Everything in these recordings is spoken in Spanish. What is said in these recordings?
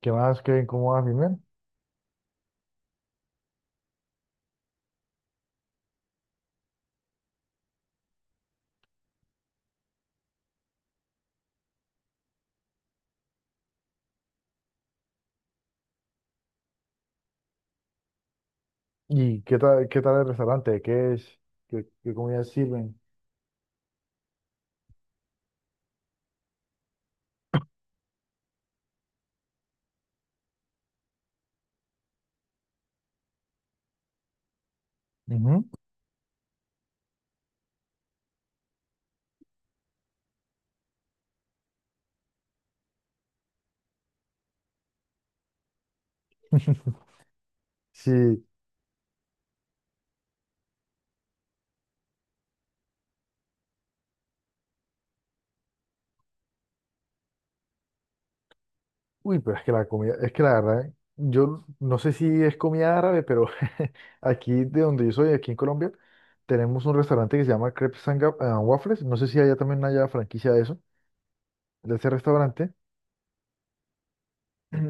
¿Qué más, Kevin? ¿Cómo vas, mi men? ¿Y qué tal el restaurante? ¿Qué es? ¿Qué comidas sirven? Ujú. Sí. Uy, pero es que la comida, es que la verdad, yo no sé si es comida árabe, pero aquí de donde yo soy, aquí en Colombia, tenemos un restaurante que se llama and Waffles. No sé si allá también haya franquicia de eso, de ese restaurante.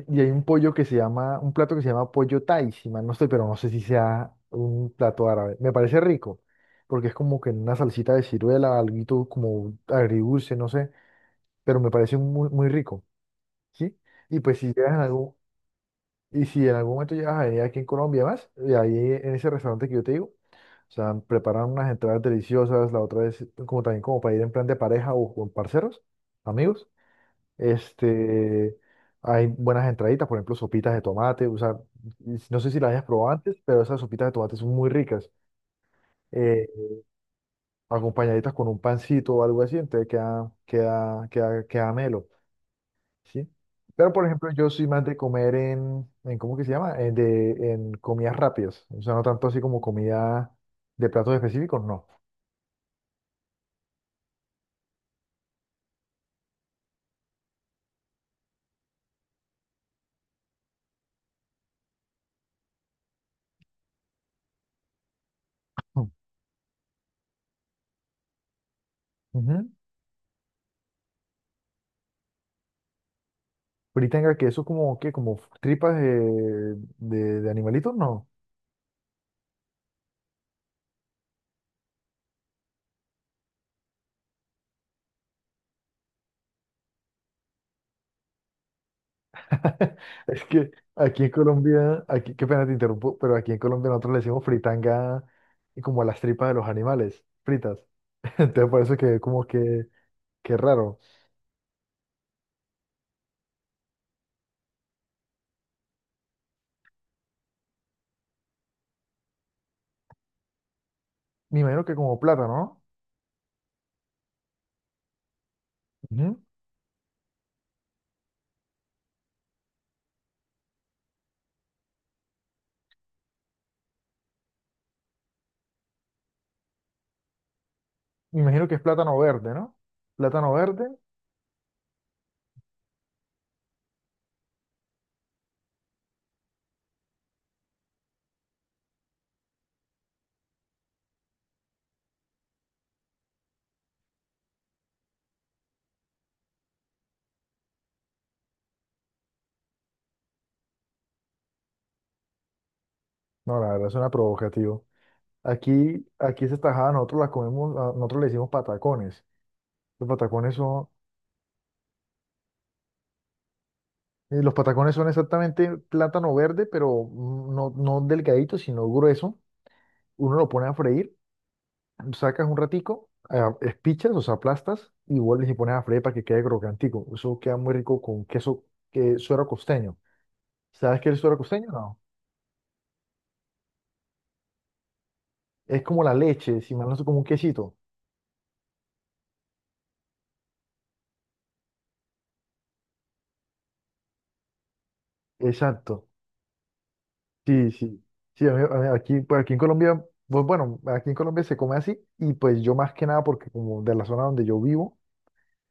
Y hay un pollo que se llama, un plato que se llama pollo thai, si mal no estoy, pero no sé si sea un plato árabe. Me parece rico, porque es como que en una salsita de ciruela, algo como agridulce, no sé, pero me parece muy rico, ¿sí? Y pues si llegas en algún, y si en algún momento llegas a venir aquí en Colombia más, y ahí en ese restaurante que yo te digo, o sea, preparan unas entradas deliciosas, la otra es como también como para ir en plan de pareja o con parceros, amigos. Este, hay buenas entraditas, por ejemplo, sopitas de tomate. O sea, no sé si las hayas probado antes, pero esas sopitas de tomate son muy ricas. eh, Acompañaditas con un pancito o algo así, entonces queda melo, ¿sí? Pero, por ejemplo, yo soy más de comer en ¿cómo que se llama? En comidas rápidas. O sea, no tanto así como comida de platos específicos, no. Mm. Ujú. Fritanga, que eso como, qué como tripas de animalitos, no. Es que aquí en Colombia, aquí, qué pena te interrumpo, pero aquí en Colombia nosotros le decimos fritanga como a las tripas de los animales, fritas. Entonces por eso que como que raro. Me imagino que como plátano, ¿no? Ujú. Me imagino que es plátano verde, ¿no? Plátano verde, no, la verdad suena provocativo. Aquí esa tajada nosotros la comemos, nosotros le decimos patacones. Los patacones son, los patacones son exactamente plátano verde, pero no, delgadito, sino grueso. Uno lo pone a freír, sacas un ratico, ah, espichas, o sea, aplastas y vuelves y pones a freír para que quede crocantico. Eso queda muy rico con queso, que suero costeño. ¿Sabes qué es el suero costeño? No. Es como la leche, si mal no sé, como un quesito. Exacto. Sí, sí. Sí, a mí aquí, pues aquí en Colombia, pues bueno, aquí en Colombia se come así y pues yo más que nada porque como de la zona donde yo vivo,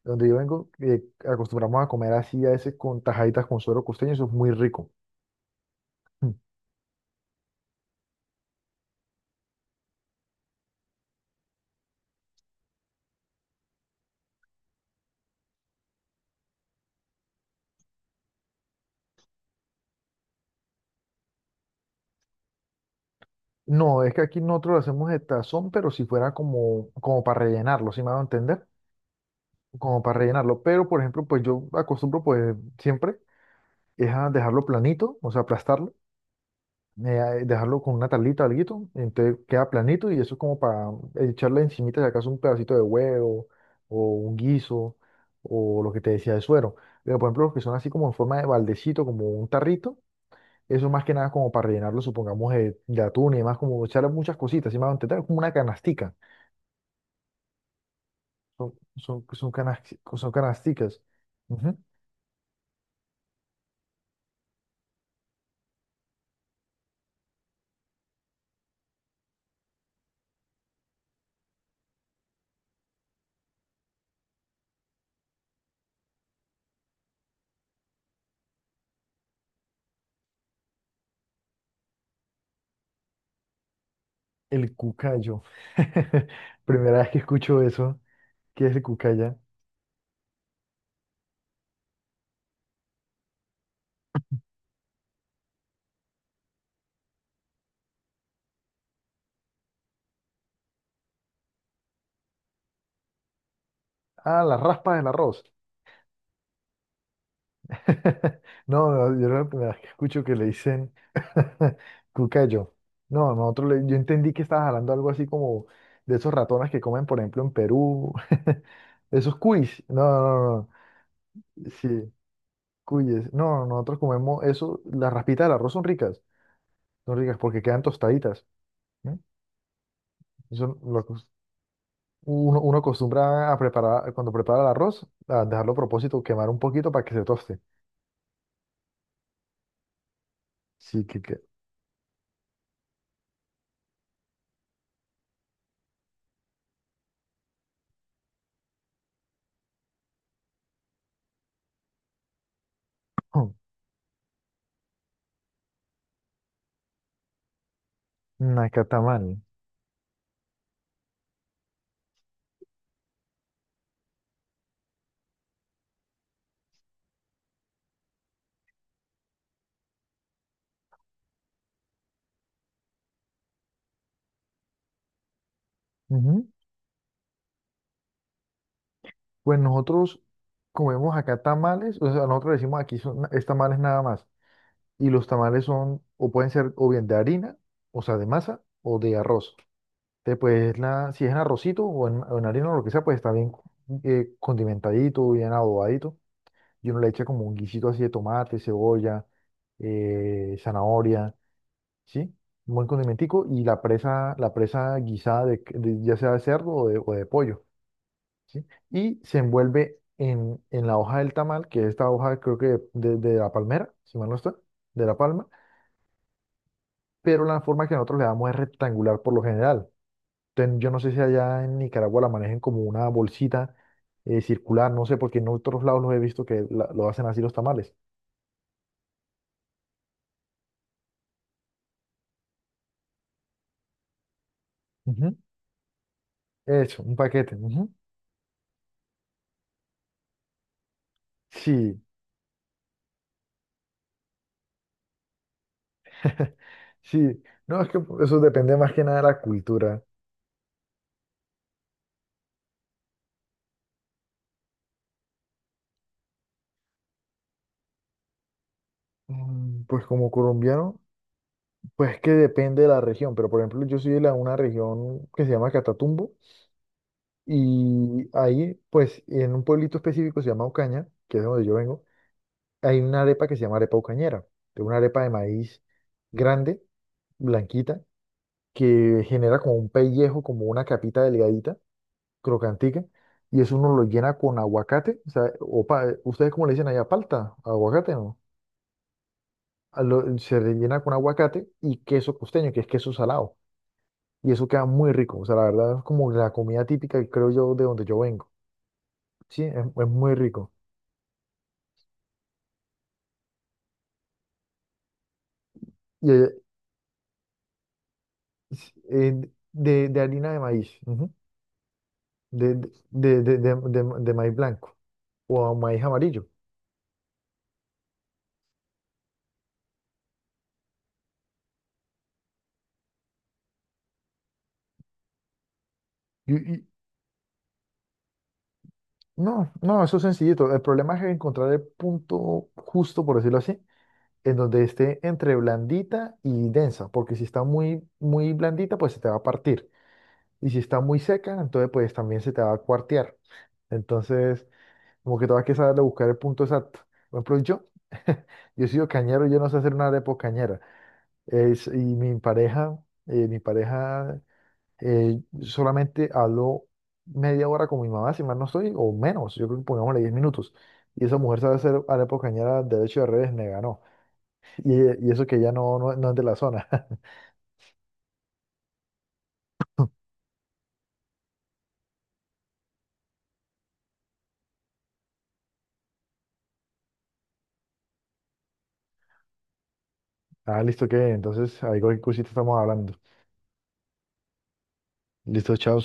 donde yo vengo, acostumbramos a comer así a veces con tajaditas con suero costeño, eso es muy rico. No, es que aquí nosotros lo hacemos de tazón, pero si fuera como, como para rellenarlo, ¿si me van a entender? Como para rellenarlo. Pero, por ejemplo, pues yo acostumbro, pues siempre, es a dejarlo planito, o sea, aplastarlo, dejarlo con una tablita o alguito, entonces queda planito y eso es como para echarle encimita, si acaso, un pedacito de huevo o un guiso o lo que te decía de suero. Pero, por ejemplo, los que son así como en forma de baldecito, como un tarrito, eso más que nada como para rellenarlo, supongamos, de atún y demás, como echarle muchas cositas, ¿si me van a entender? Como una canastica. Son, son, son, canas- Son canasticas. Ujú. El cucayo. Primera vez que escucho eso. ¿Qué es el cucaya? Ah, la raspa del arroz. No, no, yo la primera vez que escucho que le dicen cucayo. No, yo entendí que estabas hablando algo así como de esos ratones que comen, por ejemplo, en Perú. Esos cuis. No, no, no. No. Sí, cuyes. No, nosotros comemos eso. Las raspitas del arroz son ricas. Son ricas porque quedan tostaditas. Eso lo acos- Uno, acostumbra a preparar, cuando prepara el arroz, a dejarlo a propósito, quemar un poquito para que se toste. Sí, que... Oh, acá tamal. Ujú. Pues nosotros comemos acá tamales, o sea, nosotros decimos aquí son, es tamales nada más. Y los tamales son, o pueden ser o bien de harina, o sea, de masa, o de arroz. Entonces, pues, la, si es en arrocito o en harina o lo que sea, pues está bien, condimentadito, bien adobadito. Y uno le echa como un guisito así de tomate, cebolla, zanahoria, ¿sí? Un buen condimentico y la presa guisada de, ya sea de cerdo o de pollo, ¿sí? Y se envuelve en la hoja del tamal, que es esta hoja creo que de la palmera, si mal no está, de la palma, pero la forma que nosotros le damos es rectangular por lo general. Entonces, yo no sé si allá en Nicaragua la manejen como una bolsita circular, no sé, porque en otros lados los he visto que lo hacen así los tamales. Ujú. Eso, un paquete. Ujú. Sí, sí. No, es que eso depende más que nada de la cultura. Mm. Pues como colombiano, pues que depende de la región, pero por ejemplo yo soy una región que se llama Catatumbo y ahí, pues en un pueblito específico se llama Ocaña, que es donde yo vengo, hay una arepa que se llama arepa ocañera, que es una arepa de maíz grande, blanquita, que genera como un pellejo, como una capita delgadita crocantica, y eso uno lo llena con aguacate, o sea, ¿ustedes cómo le dicen allá? ¿Palta, aguacate, no? Se rellena con aguacate y queso costeño, que es queso salado, y eso queda muy rico, o sea, la verdad es como la comida típica, que creo yo, de donde yo vengo, ¿sí? Es muy rico. Y de harina de maíz, ujú. De, de maíz blanco o maíz amarillo. Y, y- no, no, eso es sencillito. El problema es encontrar el punto justo, por decirlo así, en donde esté entre blandita y densa, porque si está muy blandita, pues se te va a partir. Y si está muy seca, entonces pues también se te va a cuartear. Entonces, como que todavía que saber buscar el punto exacto. Por ejemplo, yo, yo he sido cañero, yo no sé hacer una arepa cañera. Es, y mi pareja, mi pareja solamente habló media hora con mi mamá, si mal no estoy, o menos, yo creo que pongámosle 10 minutos. Y esa mujer sabe hacer arepa cañera derecho y al revés, me ganó. Y eso que ya no, es de la zona. Ah, listo, que entonces ahí cualquier cosita estamos hablando. Listo, chao.